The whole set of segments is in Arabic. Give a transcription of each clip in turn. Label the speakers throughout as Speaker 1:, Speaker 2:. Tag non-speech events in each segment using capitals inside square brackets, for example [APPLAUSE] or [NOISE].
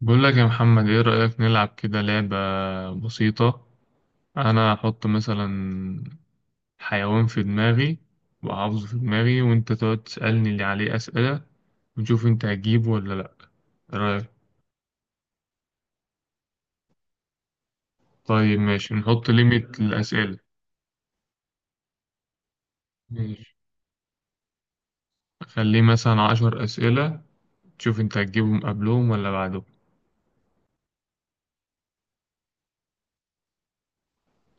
Speaker 1: بقول لك يا محمد ايه رأيك نلعب كده لعبة بسيطة. انا هحط مثلا حيوان في دماغي وحافظه في دماغي وانت تقعد تسألني اللي عليه أسئلة ونشوف انت هتجيبه ولا لا. ايه رأيك؟ طيب ماشي نحط ليميت للأسئلة. ماشي، خليه مثلا 10 أسئلة، تشوف انت هتجيبهم قبلهم ولا بعدهم.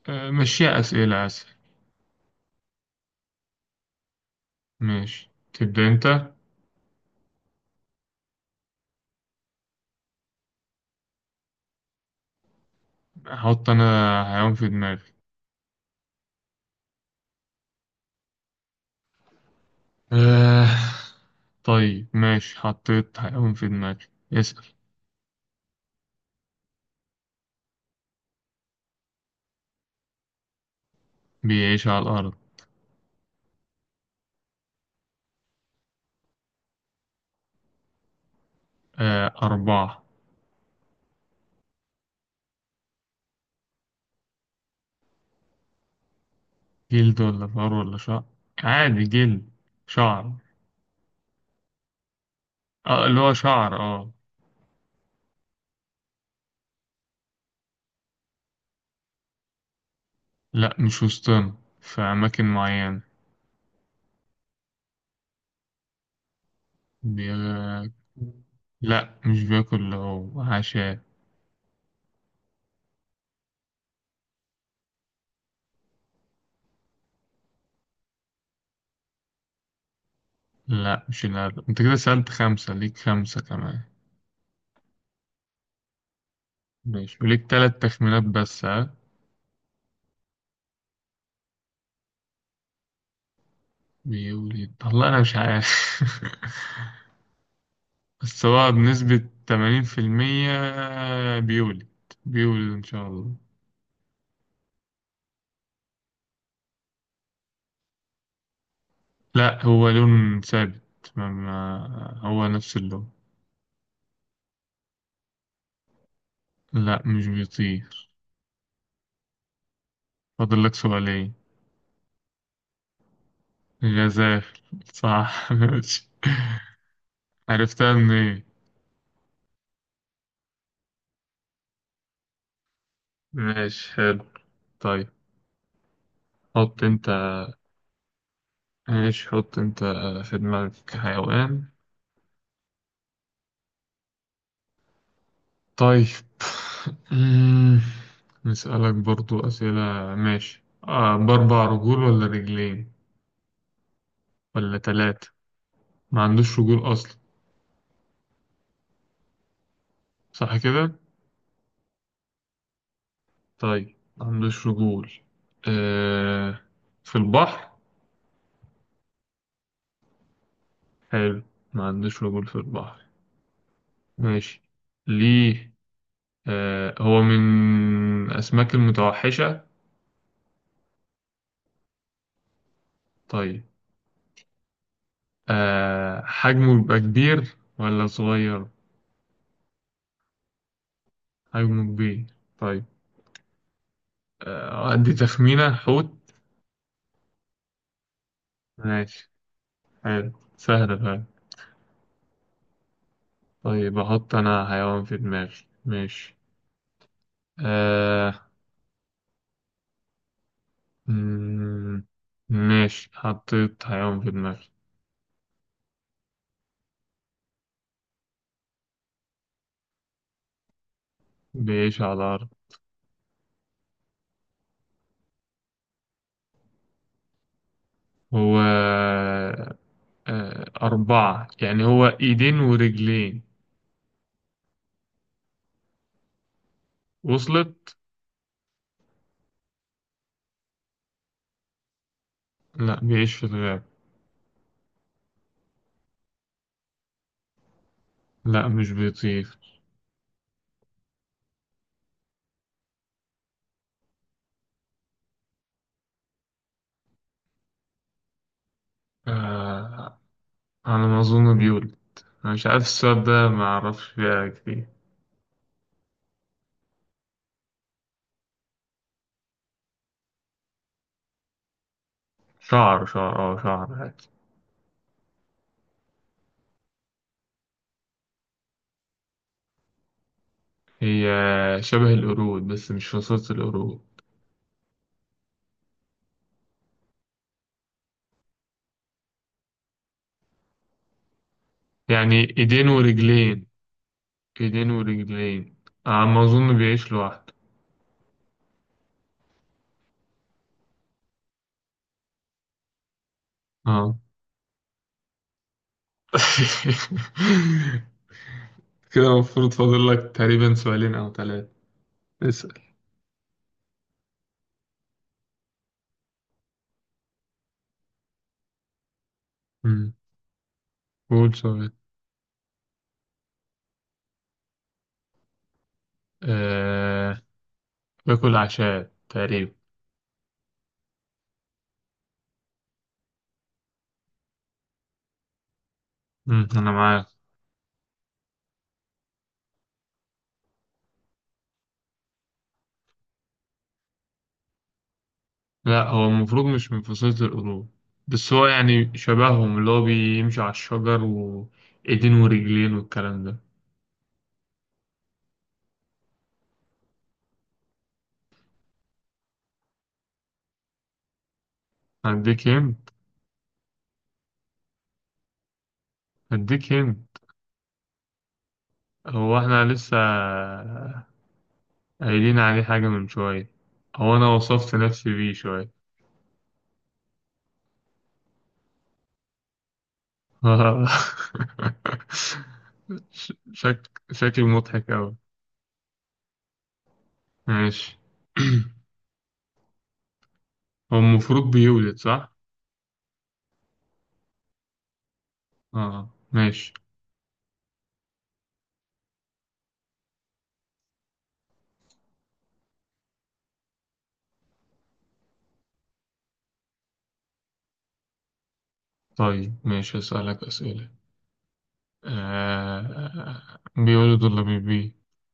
Speaker 1: أه، مشيها أسئلة أسهل. ماشي، تبدأ انت. احط انا حيوان في دماغي. أه. طيب ماشي، حطيت حيوان في دماغي. اسأل. بيعيش على الأرض. آه، أربعة. جلد ولا فار ولا شعر. عادي جلد. شعر. آه اللي هو شعر، اه. لا مش وسطنا، في أماكن معينة. بي... لا مش بياكل هو عشاء. لا مش الأرض، انت كده سألت خمسة، ليك خمسة كمان. ماشي، وليك تلات تخمينات بس، ها. بيقول ايه؟ والله أنا مش عارف. [LAUGHS] بس هو بنسبة 80% بيولد. بيولد إن شاء الله. لا هو لون ثابت، ما ما هو نفس اللون. لا مش بيطير. فاضل لك سؤالين. جزاف. صح. [LAUGHS] ماشي. عرفتها من ايه؟ ماشي، حلو. طيب حط انت. ماشي حط انت في دماغك حيوان. طيب. [LAUGHS] أمم، نسألك برضو أسئلة. ماشي، آه بأربع رجول ولا رجلين ولا تلاتة. ما عندوش رجول أصلا، صح كده؟ طيب، ما عندوش رجول. آه، في البحر. حلو، ما عندوش رجول في البحر. ماشي. ليه؟ آه، هو من أسماك المتوحشة. طيب، آه حجمه بيبقى كبير ولا صغير. حجمه كبير. طيب، آه أدي تخمينة: حوت. ماشي، حلو. سهلة فعلا. طيب أحط أنا حيوان في دماغي. ماشي، آه. مم، ماشي، حطيت حيوان في دماغي. بيعيش على الأرض. هو آه، أربعة، يعني هو إيدين ورجلين. وصلت؟ لا بيعيش في الغابة. لا مش بيطير. آه، على ما أظن بيولد. أنا مش عارف، السؤال ده ما أعرفش فيها كتير. شعر شعر. اه شعر عادي. هي شبه القرود بس مش فصيلة القرود. يعني إيدين ورجلين، إيدين ورجلين. على ما أظن بيعيش لوحده. اه. [LAUGHS] كده المفروض فاضل لك تقريبا سؤالين أو ثلاثة. اسأل. مم. قول سؤال. آه... باكل عشاء تقريبا. مم. أنا معاك. لا هو المفروض مش من فصيلة القرود، بس هو يعني شبههم اللي هو بيمشي على الشجر وإيدين ورجلين والكلام ده. هديك هنت. هديك هنت. هو احنا لسه قايلين عليه حاجة من شوية، هو أنا وصفت نفسي بيه شوية. [LAUGHS] شكل مضحك أوي. ماشي. [CLEARS THROAT] هو المفروض بيولد، صح؟ اه ماشي. طيب ماشي، هسألك أسئلة. بيولد ولا بيبيض؟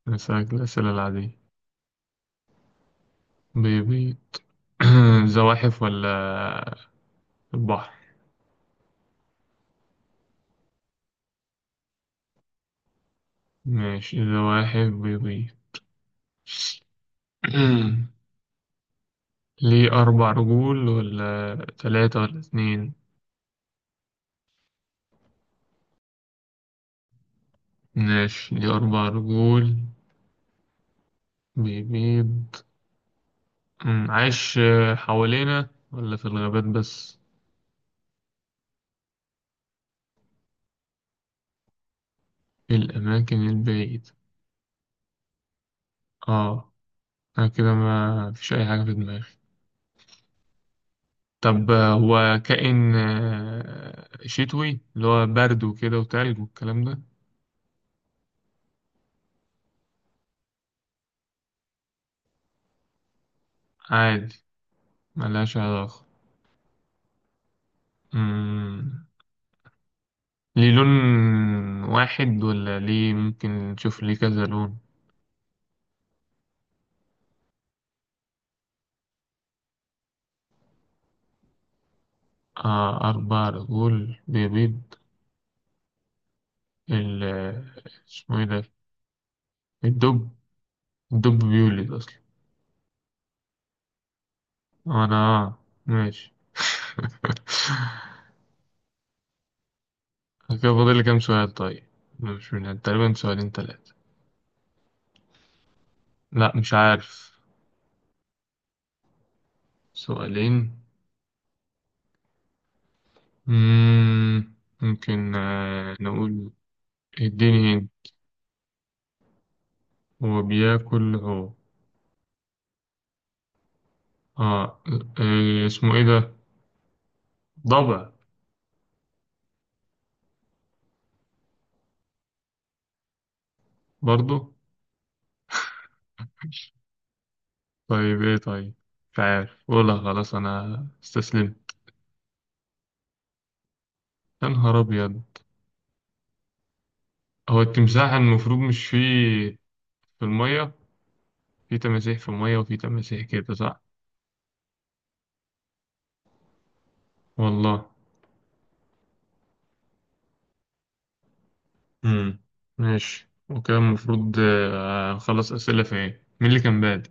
Speaker 1: هسألك الأسئلة العادية. بيبيض. [CLEARS THROAT] زواحف ولا البحر؟ ماشي، زواحف بيبيض. [CLEARS THROAT] ليه أربع رجول ولا تلاتة ولا اتنين؟ ماشي، ليه أربع رجول بيبيض. عايش آه، حوالينا ولا في الغابات بس؟ في الأماكن البعيدة. آه. أنا كده ما فيش أي حاجة في دماغي. طب آه، هو كائن شتوي، اللي هو برد وكده وتلج والكلام ده. عادي، ملهاش علاقة. أمم، ليه لون واحد ولا ليه ممكن نشوف ليه كذا لون. آه أربع رجول بيبيض. ال- اسمه إيه ده؟ الدب. الدب بيولد أصلا. انا، ماشي. [LAUGHS] كده فاضل لي كام سؤال طيب؟ مش من تقريبا سؤالين ثلاثة؟ لا مش عارف. سؤالين. مم. ممكن آه، نقول. اديني هند. هو بياكل، اه. آه، اسمه ايه ده؟ ضبع. برضو؟ طيب ايه طيب، مش عارف، قولها خلاص، انا استسلمت. يا نهار ابيض. هو التمساح المفروض مش فيه في المية، في تماسيح في المية وفي تماسيح كده، صح؟ والله. امم. ماشي، وكده المفروض آه، أخلص أسئلة. في إيه، مين اللي كان بادئ؟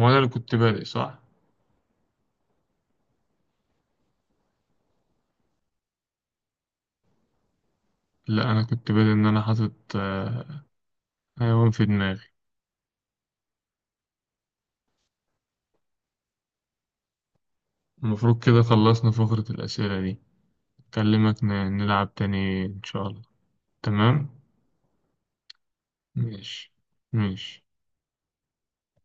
Speaker 1: هو أنا اللي كنت بادئ، صح؟ لا أنا كنت بادئ إن أنا حاطط آه، حيوان في دماغي. المفروض كده خلصنا فقرة الأسئلة دي. أكلمك نلعب تاني إن شاء الله. تمام. ماشي. ماشي